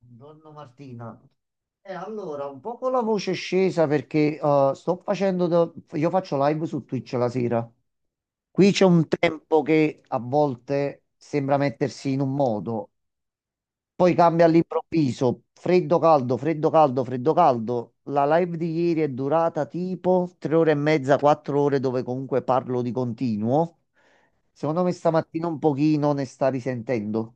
Buongiorno Martina. E allora, un po' con la voce scesa perché io faccio live su Twitch la sera. Qui c'è un tempo che a volte sembra mettersi in un modo, poi cambia all'improvviso, freddo caldo, freddo caldo, freddo caldo. La live di ieri è durata tipo 3 ore e mezza, 4 ore dove comunque parlo di continuo. Secondo me stamattina un pochino ne sta risentendo.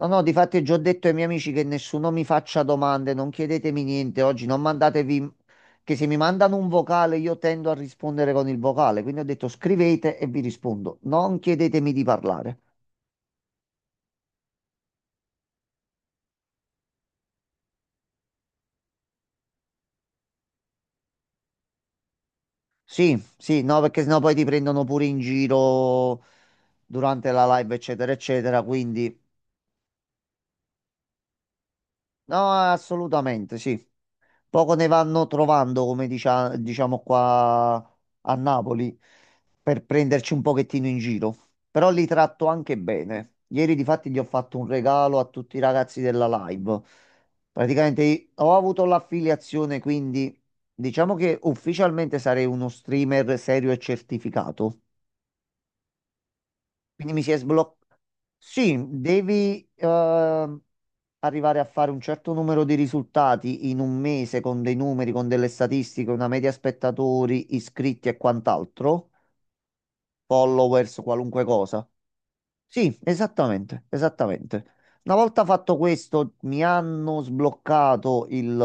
No, no, difatti già ho detto ai miei amici che nessuno mi faccia domande, non chiedetemi niente oggi, non mandatevi, che se mi mandano un vocale io tendo a rispondere con il vocale, quindi ho detto scrivete e vi rispondo, non chiedetemi di parlare. Sì, sì, no, perché sennò poi ti prendono pure in giro durante la live, eccetera, eccetera, quindi no, assolutamente, sì. Poco ne vanno trovando, come diciamo qua a Napoli, per prenderci un pochettino in giro. Però li tratto anche bene. Ieri, difatti, gli ho fatto un regalo a tutti i ragazzi della live. Praticamente ho avuto l'affiliazione, quindi diciamo che ufficialmente sarei uno streamer serio e certificato. Quindi mi si è sbloccato. Sì, devi arrivare a fare un certo numero di risultati in un mese con dei numeri, con delle statistiche, una media spettatori, iscritti e quant'altro, followers, qualunque cosa. Sì, esattamente, esattamente. Una volta fatto questo, mi hanno sbloccato il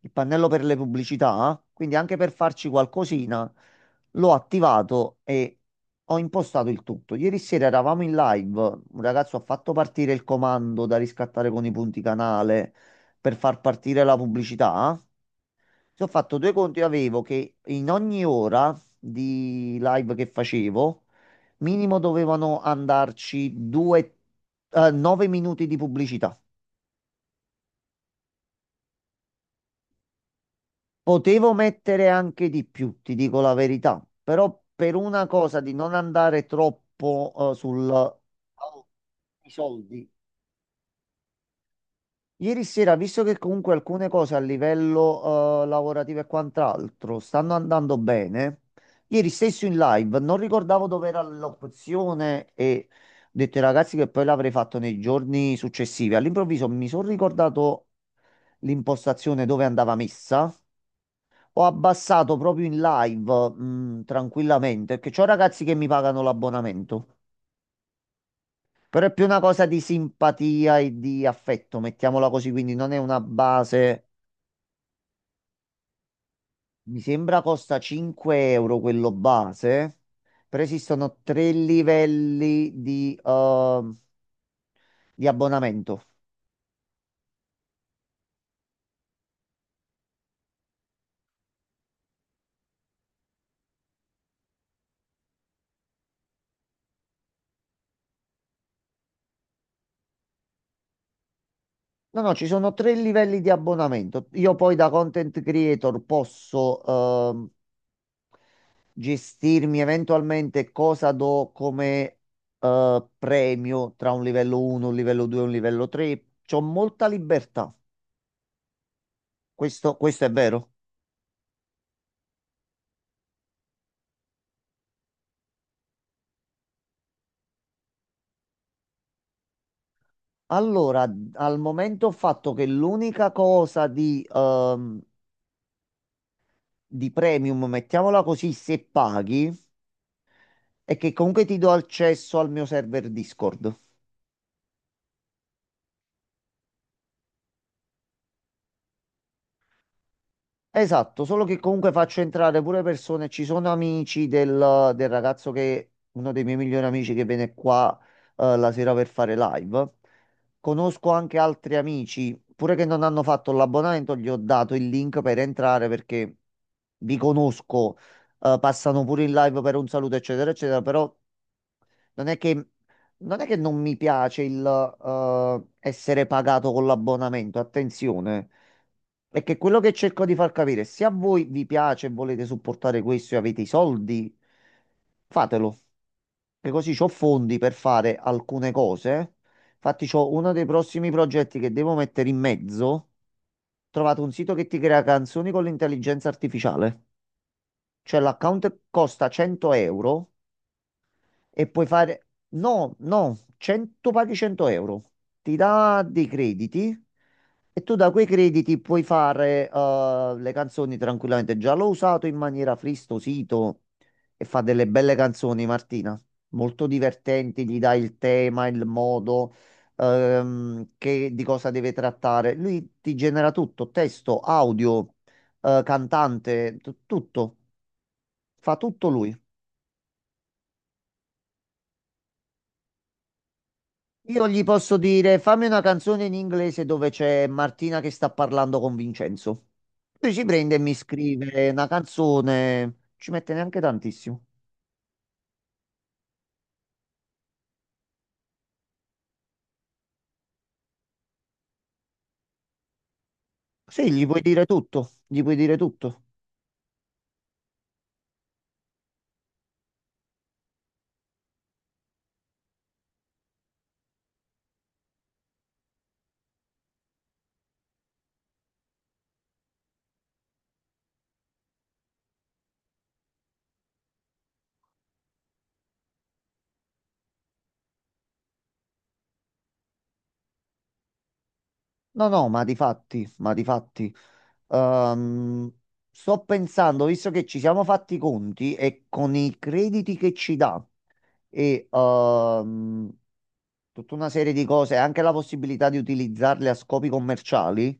il pannello per le pubblicità, quindi anche per farci qualcosina, l'ho attivato e ho impostato il tutto. Ieri sera eravamo in live, un ragazzo ha fatto partire il comando da riscattare con i punti canale per far partire la pubblicità. Se ho fatto due conti, avevo che in ogni ora di live che facevo, minimo dovevano andarci due, 9 minuti di pubblicità. Potevo mettere anche di più, ti dico la verità, però per una cosa di non andare troppo sul oh, i soldi. Ieri sera, visto che comunque alcune cose a livello lavorativo e quant'altro stanno andando bene, ieri stesso in live non ricordavo dove era l'opzione e ho detto ai ragazzi che poi l'avrei fatto nei giorni successivi. All'improvviso mi sono ricordato l'impostazione dove andava messa. Ho abbassato proprio in live, tranquillamente, perché c'ho ragazzi che mi pagano l'abbonamento. Però è più una cosa di simpatia e di affetto, mettiamola così, quindi non è una base. Mi sembra costa 5 euro quello base, però esistono tre livelli di abbonamento. No, no, ci sono tre livelli di abbonamento. Io poi da content creator posso, ehm, gestirmi eventualmente cosa do come premio tra un livello 1, un livello 2 e un livello 3. C'ho molta libertà. Questo è vero. Allora, al momento ho fatto che l'unica cosa di premium, mettiamola così, se paghi, è che comunque ti do accesso al mio server Discord. Esatto, solo che comunque faccio entrare pure persone, ci sono amici del ragazzo che, uno dei miei migliori amici che viene qua la sera per fare live. Conosco anche altri amici, pure che non hanno fatto l'abbonamento, gli ho dato il link per entrare perché vi conosco, passano pure in live per un saluto, eccetera, eccetera, però non è che, non è che non mi piace il essere pagato con l'abbonamento, attenzione. È che quello che cerco di far capire, se a voi vi piace e volete supportare questo e avete i soldi, fatelo. Che così ho fondi per fare alcune cose. Infatti, c'ho uno dei prossimi progetti che devo mettere in mezzo. Trovate un sito che ti crea canzoni con l'intelligenza artificiale. Cioè, l'account costa 100 euro e puoi fare no, no, 100 paghi 100 euro. Ti dà dei crediti e tu da quei crediti puoi fare le canzoni tranquillamente. Già l'ho usato in maniera fristosito e fa delle belle canzoni, Martina. Molto divertenti, gli dai il tema, il modo, che, di cosa deve trattare. Lui ti genera tutto, testo, audio, cantante, tutto. Fa tutto lui. Io gli posso dire, fammi una canzone in inglese dove c'è Martina che sta parlando con Vincenzo. Lui ci prende e mi scrive una canzone, ci mette neanche tantissimo. Sì, gli puoi dire tutto, gli puoi dire tutto. No, no, ma di fatti, ma di fatti. Ehm, Sto pensando, visto che ci siamo fatti i conti e con i crediti che ci dà e tutta una serie di cose, anche la possibilità di utilizzarle a scopi commerciali.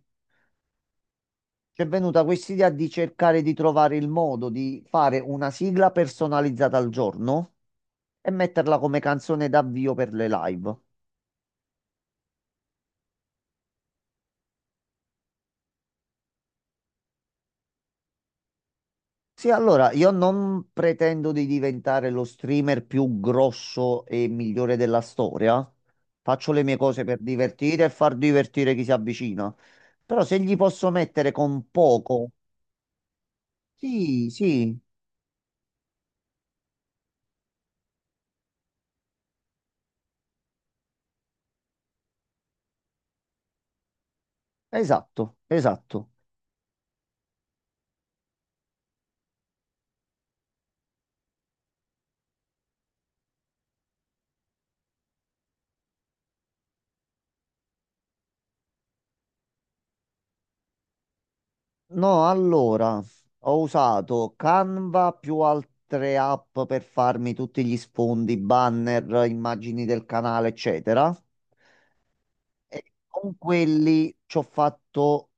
C'è venuta quest'idea di cercare di trovare il modo di fare una sigla personalizzata al giorno e metterla come canzone d'avvio per le live. Sì, allora, io non pretendo di diventare lo streamer più grosso e migliore della storia. Faccio le mie cose per divertire e far divertire chi si avvicina. Però se gli posso mettere con poco... Sì, sì, esatto, esatto. No, allora, ho usato Canva più altre app per farmi tutti gli sfondi, banner, immagini del canale, eccetera. E con quelli ci ho fatto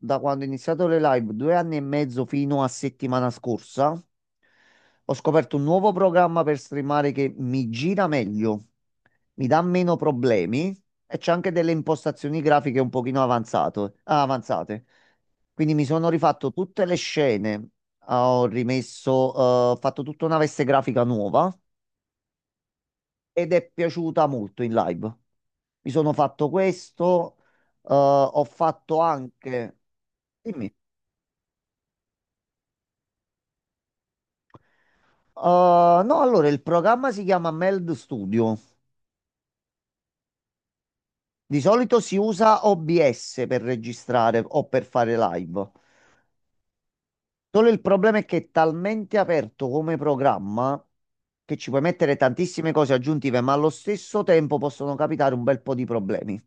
da quando ho iniziato le live, 2 anni e mezzo fino a settimana scorsa, ho scoperto un nuovo programma per streamare che mi gira meglio, mi dà meno problemi e c'è anche delle impostazioni grafiche un pochino avanzate. Quindi mi sono rifatto tutte le scene, ho rimesso, eh, ho fatto tutta una veste grafica nuova ed è piaciuta molto in live. Mi sono fatto questo, ho fatto anche... Dimmi. No, allora il programma si chiama Meld Studio. Di solito si usa OBS per registrare o per fare live. Solo il problema è che è talmente aperto come programma che ci puoi mettere tantissime cose aggiuntive, ma allo stesso tempo possono capitare un bel po' di problemi.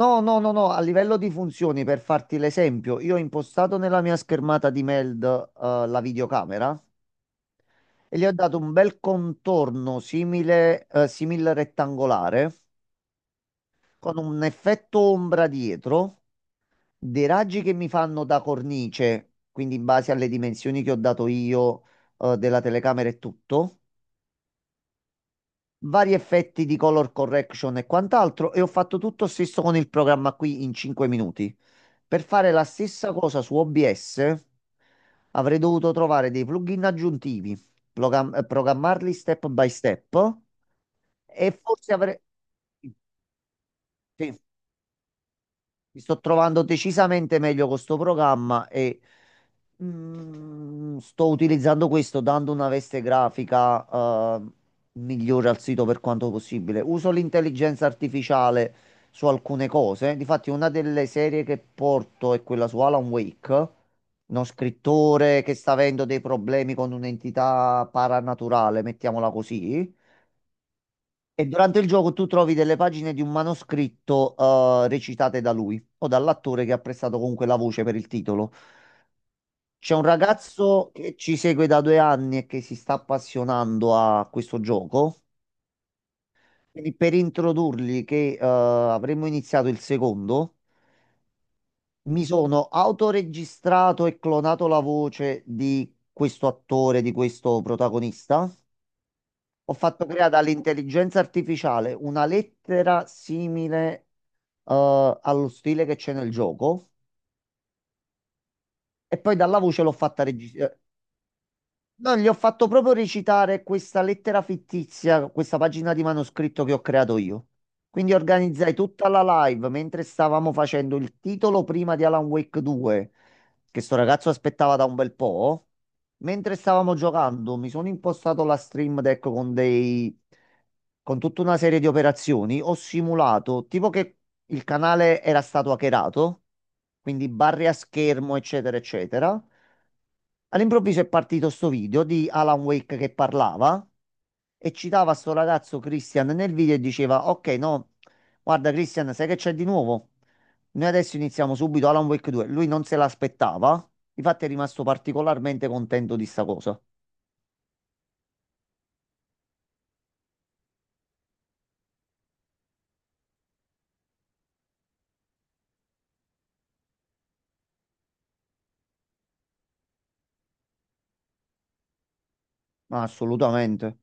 No, no, no, no, a livello di funzioni, per farti l'esempio, io ho impostato nella mia schermata di Meld, la videocamera e gli ho dato un bel contorno simil rettangolare. Con un effetto ombra dietro, dei raggi che mi fanno da cornice, quindi in base alle dimensioni che ho dato io, della telecamera e tutto, vari effetti di color correction e quant'altro, e ho fatto tutto stesso con il programma qui in 5 minuti. Per fare la stessa cosa su OBS avrei dovuto trovare dei plugin aggiuntivi, programmarli step by step e forse avrei... sì. Mi sto trovando decisamente meglio con sto programma e sto utilizzando questo dando una veste grafica eh, migliore al sito per quanto possibile. Uso l'intelligenza artificiale su alcune cose. Difatti, una delle serie che porto è quella su Alan Wake, uno scrittore che sta avendo dei problemi con un'entità paranaturale, mettiamola così. E durante il gioco tu trovi delle pagine di un manoscritto recitate da lui o dall'attore che ha prestato comunque la voce per il titolo. C'è un ragazzo che ci segue da 2 anni e che si sta appassionando a questo gioco. Quindi per introdurgli che avremmo iniziato il secondo, mi sono autoregistrato e clonato la voce di questo attore, di questo protagonista. Ho fatto creare all'intelligenza artificiale una lettera simile allo stile che c'è nel gioco. E poi dalla voce l'ho fatta registrare. No, gli ho fatto proprio recitare questa lettera fittizia, questa pagina di manoscritto che ho creato io. Quindi organizzai tutta la live mentre stavamo facendo il titolo prima di Alan Wake 2, che sto ragazzo aspettava da un bel po'. Mentre stavamo giocando, mi sono impostato la Stream Deck con tutta una serie di operazioni. Ho simulato, tipo che il canale era stato hackerato, quindi barre a schermo, eccetera, eccetera. All'improvviso è partito sto video di Alan Wake che parlava e citava sto ragazzo Christian nel video e diceva: Ok, no, guarda, Christian, sai che c'è di nuovo? Noi adesso iniziamo subito Alan Wake 2. Lui non se l'aspettava, infatti è rimasto particolarmente contento di sta cosa. Ma assolutamente.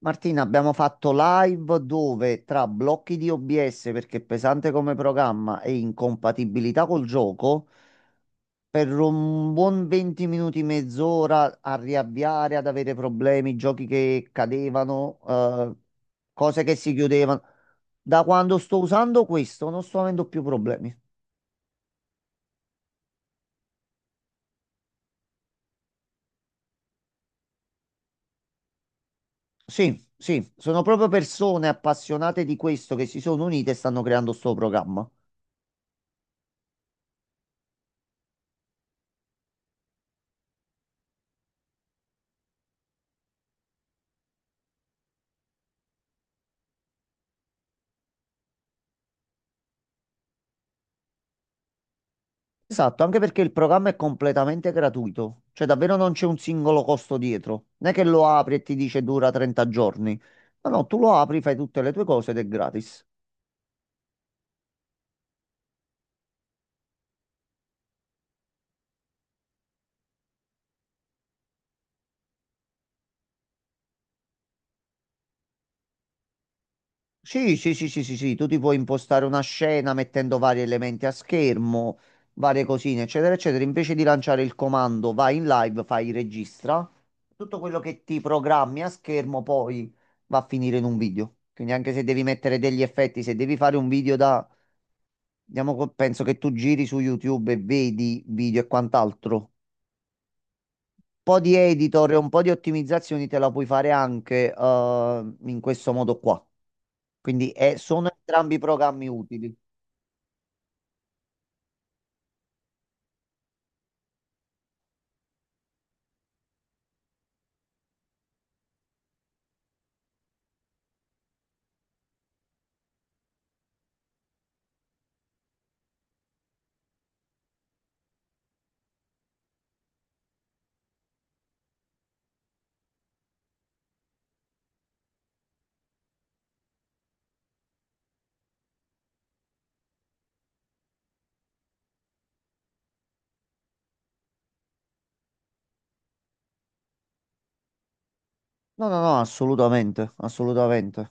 Martina, abbiamo fatto live dove tra blocchi di OBS perché è pesante come programma e incompatibilità col gioco, per un buon 20 minuti, mezz'ora a riavviare, ad avere problemi, giochi che cadevano, cose che si chiudevano. Da quando sto usando questo non sto avendo più problemi. Sì, sì, sono proprio persone appassionate di questo che si sono unite e stanno creando sto programma. Esatto, anche perché il programma è completamente gratuito, cioè davvero non c'è un singolo costo dietro. Non è che lo apri e ti dice dura 30 giorni. No, no, tu lo apri, fai tutte le tue cose ed è gratis. Sì, sì, sì, sì, sì, sì, tu ti puoi impostare una scena mettendo vari elementi a schermo, varie cosine, eccetera, eccetera. Invece di lanciare il comando, vai in live, fai registra. Tutto quello che ti programmi a schermo poi va a finire in un video. Quindi anche se devi mettere degli effetti, se devi fare un video da, diciamo, penso che tu giri su YouTube e vedi video e quant'altro. Un po' di editor e un po' di ottimizzazioni te la puoi fare anche in questo modo qua. Quindi sono entrambi programmi utili. No, no, no, assolutamente, assolutamente.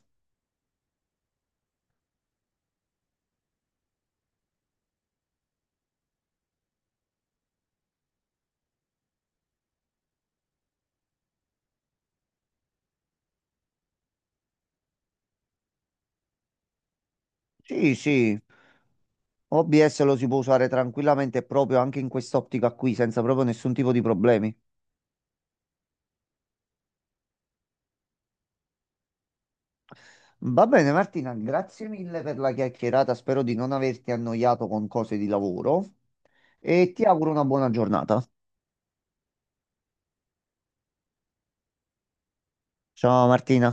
Sì, sì, OBS lo si può usare tranquillamente proprio anche in quest'ottica qui, senza proprio nessun tipo di problemi. Va bene, Martina, grazie mille per la chiacchierata, spero di non averti annoiato con cose di lavoro e ti auguro una buona giornata. Ciao Martina.